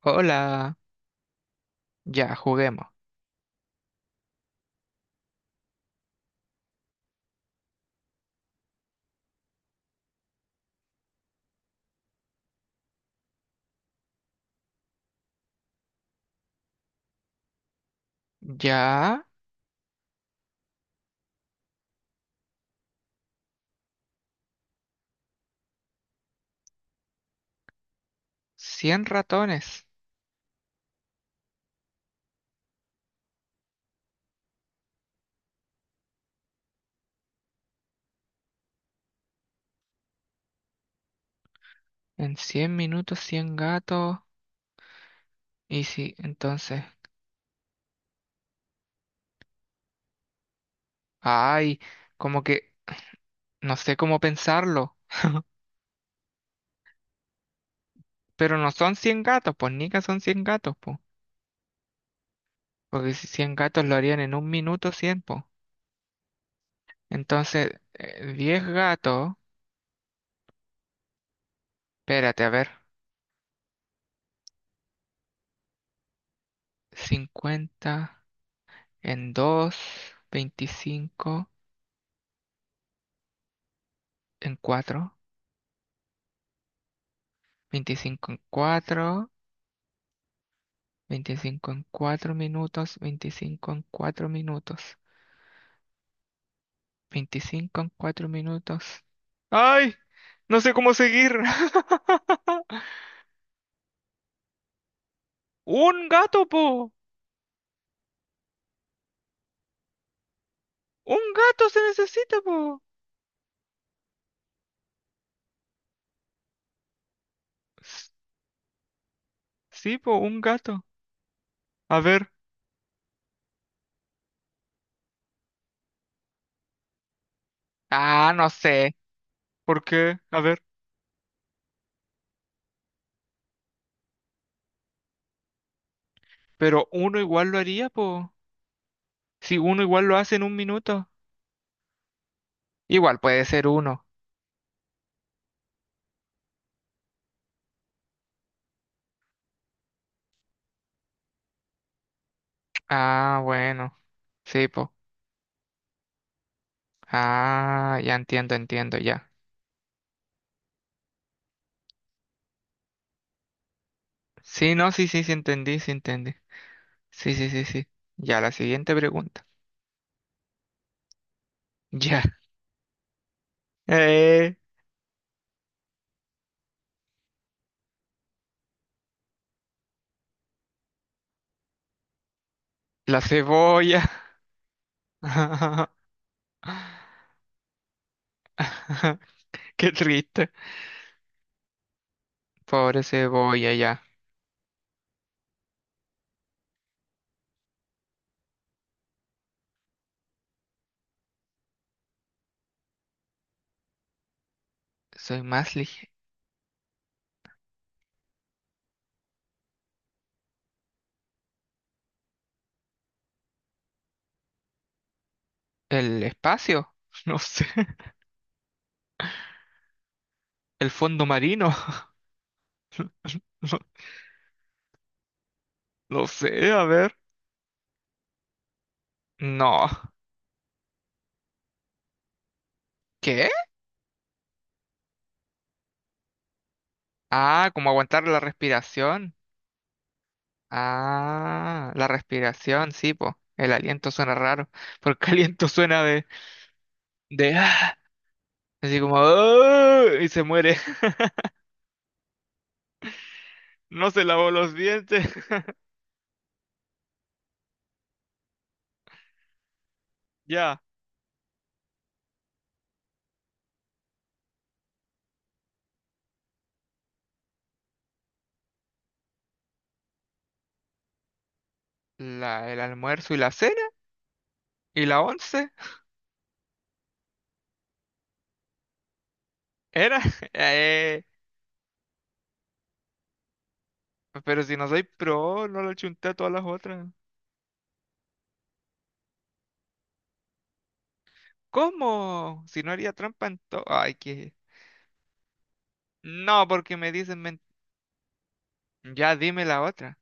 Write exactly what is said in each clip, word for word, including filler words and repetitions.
Hola, ya juguemos. Ya, cien ratones. En cien minutos, cien gatos. Y sí, entonces. Ay, como que no sé cómo pensarlo. Pero no son cien gatos, pues Nica son cien gatos, pues. Porque si cien gatos lo harían en un minuto cien, pues. Entonces, eh, diez gatos. Espérate, a ver. Cincuenta en dos, veinticinco en cuatro, veinticinco en cuatro. Veinticinco en cuatro minutos, veinticinco en cuatro minutos, veinticinco en cuatro minutos. ¡Ay! No sé cómo seguir. ¡Un gato, po! ¡Un gato se necesita, po! S- Sí, po, un gato. A ver. Ah, no sé. ¿Por qué? A ver. Pero uno igual lo haría, po. Si uno igual lo hace en un minuto. Igual puede ser uno. Ah, bueno. Sí, po. Ah, ya entiendo, entiendo, ya. Sí, no, sí, sí, sí, entendí, sí, entendí. Sí, sí, sí, sí. Ya, la siguiente pregunta. Ya. Eh, la cebolla. Qué triste. Pobre cebolla, ya. Soy más lige- ¿El espacio? No sé. ¿El fondo marino? No, no sé, a ver. No. ¿Qué? Ah, como aguantar la respiración. Ah, la respiración, sí, po. El aliento suena raro, porque aliento suena de, de ah. Así como, "Ah", y se muere. No se lavó los dientes. Ya, la, el almuerzo y la cena. Y la once. Era. eh, pero si no soy pro, no lo chunté a todas las otras. ¿Cómo? Si no haría trampa en todo. Ay, que. No, porque me dicen. men- Ya dime la otra.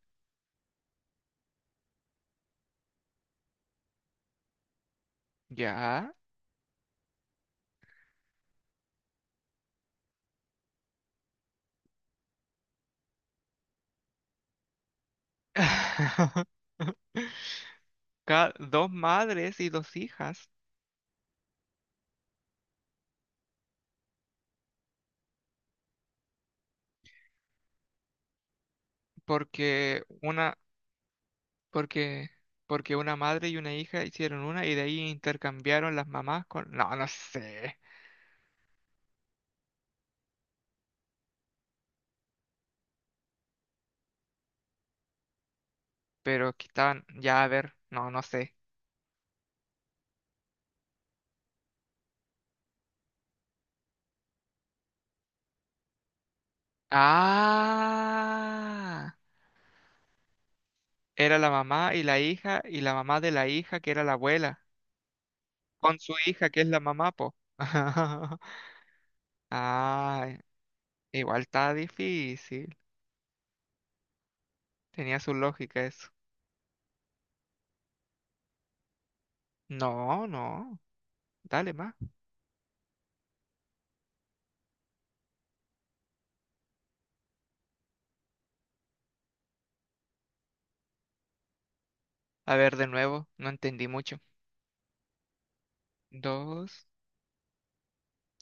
Ya. Ca- dos madres y dos hijas. Porque una. Porque, porque una madre y una hija hicieron una y de ahí intercambiaron las mamás con… No, no sé. Pero que estaban… Ya, a ver. No, no sé. Ah. Era la mamá y la hija y la mamá de la hija que era la abuela. Con su hija que es la mamá, po. Ah, igual está difícil. Tenía su lógica eso. No, no. Dale más. A ver, de nuevo. No entendí mucho. Dos.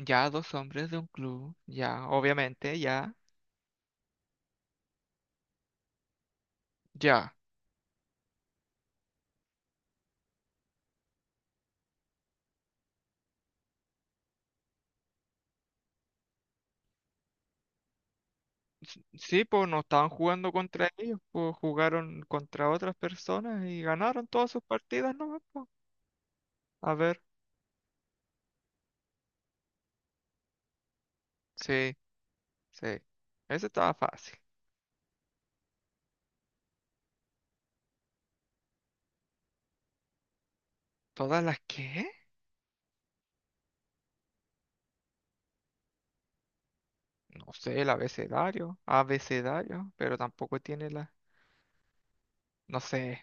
Ya, dos hombres de un club, ya, obviamente, ya, ya. S- Sí, pues no estaban jugando contra ellos, pues jugaron contra otras personas y ganaron todas sus partidas, ¿no? A ver, sí, sí. Ese estaba fácil. ¿Todas las qué? No sé, el abecedario, abecedario, pero tampoco tiene la, no sé,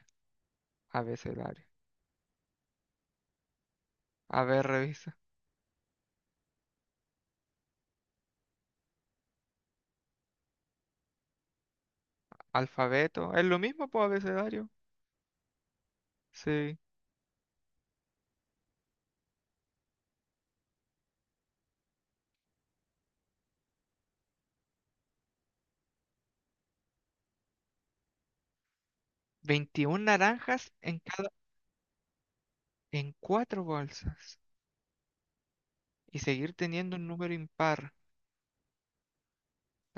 abecedario. A ver, revisa. Alfabeto, es lo mismo, pues abecedario. Sí. veintiún naranjas en cada, en cuatro bolsas. Y seguir teniendo un número impar.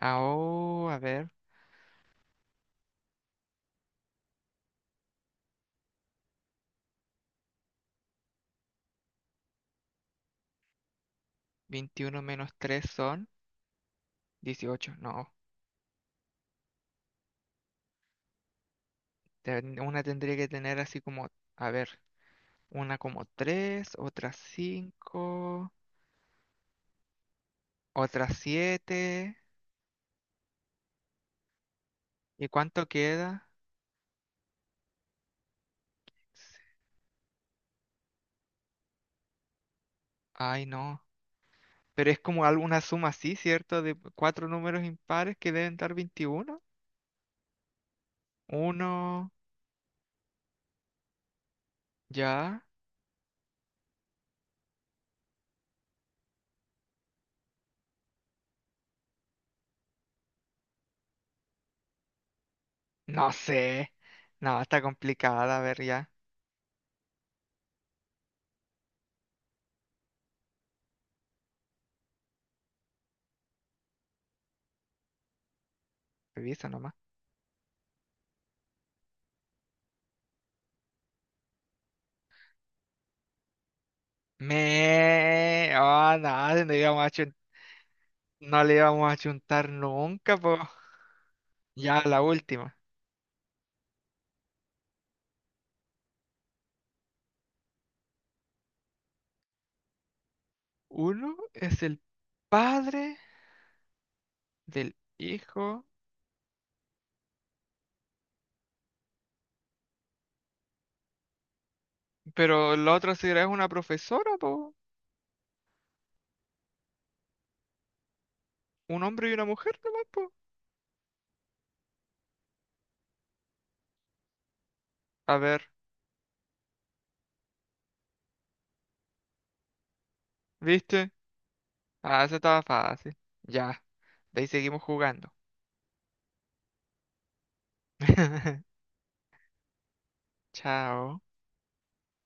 Ah, oh, a ver, veintiuno menos tres son dieciocho. No, ten- una tendría que tener así como, a ver, una como tres, otra cinco, otra siete. ¿Y cuánto queda? S- Ay, no. Pero es como alguna suma así, ¿cierto? De cuatro números impares que deben dar veintiuno. Uno, ya. No sé. No, está complicada. A ver, ya. Revisa nomás. Me, ah, nada, no íbamos a chun- no le íbamos a chuntar nunca, po. Ya la última. Uno es el padre del hijo, pero la otra será es una profesora, po. Un hombre y una mujer nomás, po. A ver, ¿viste? Ah, eso estaba fácil. Ya. De ahí seguimos jugando. Chao.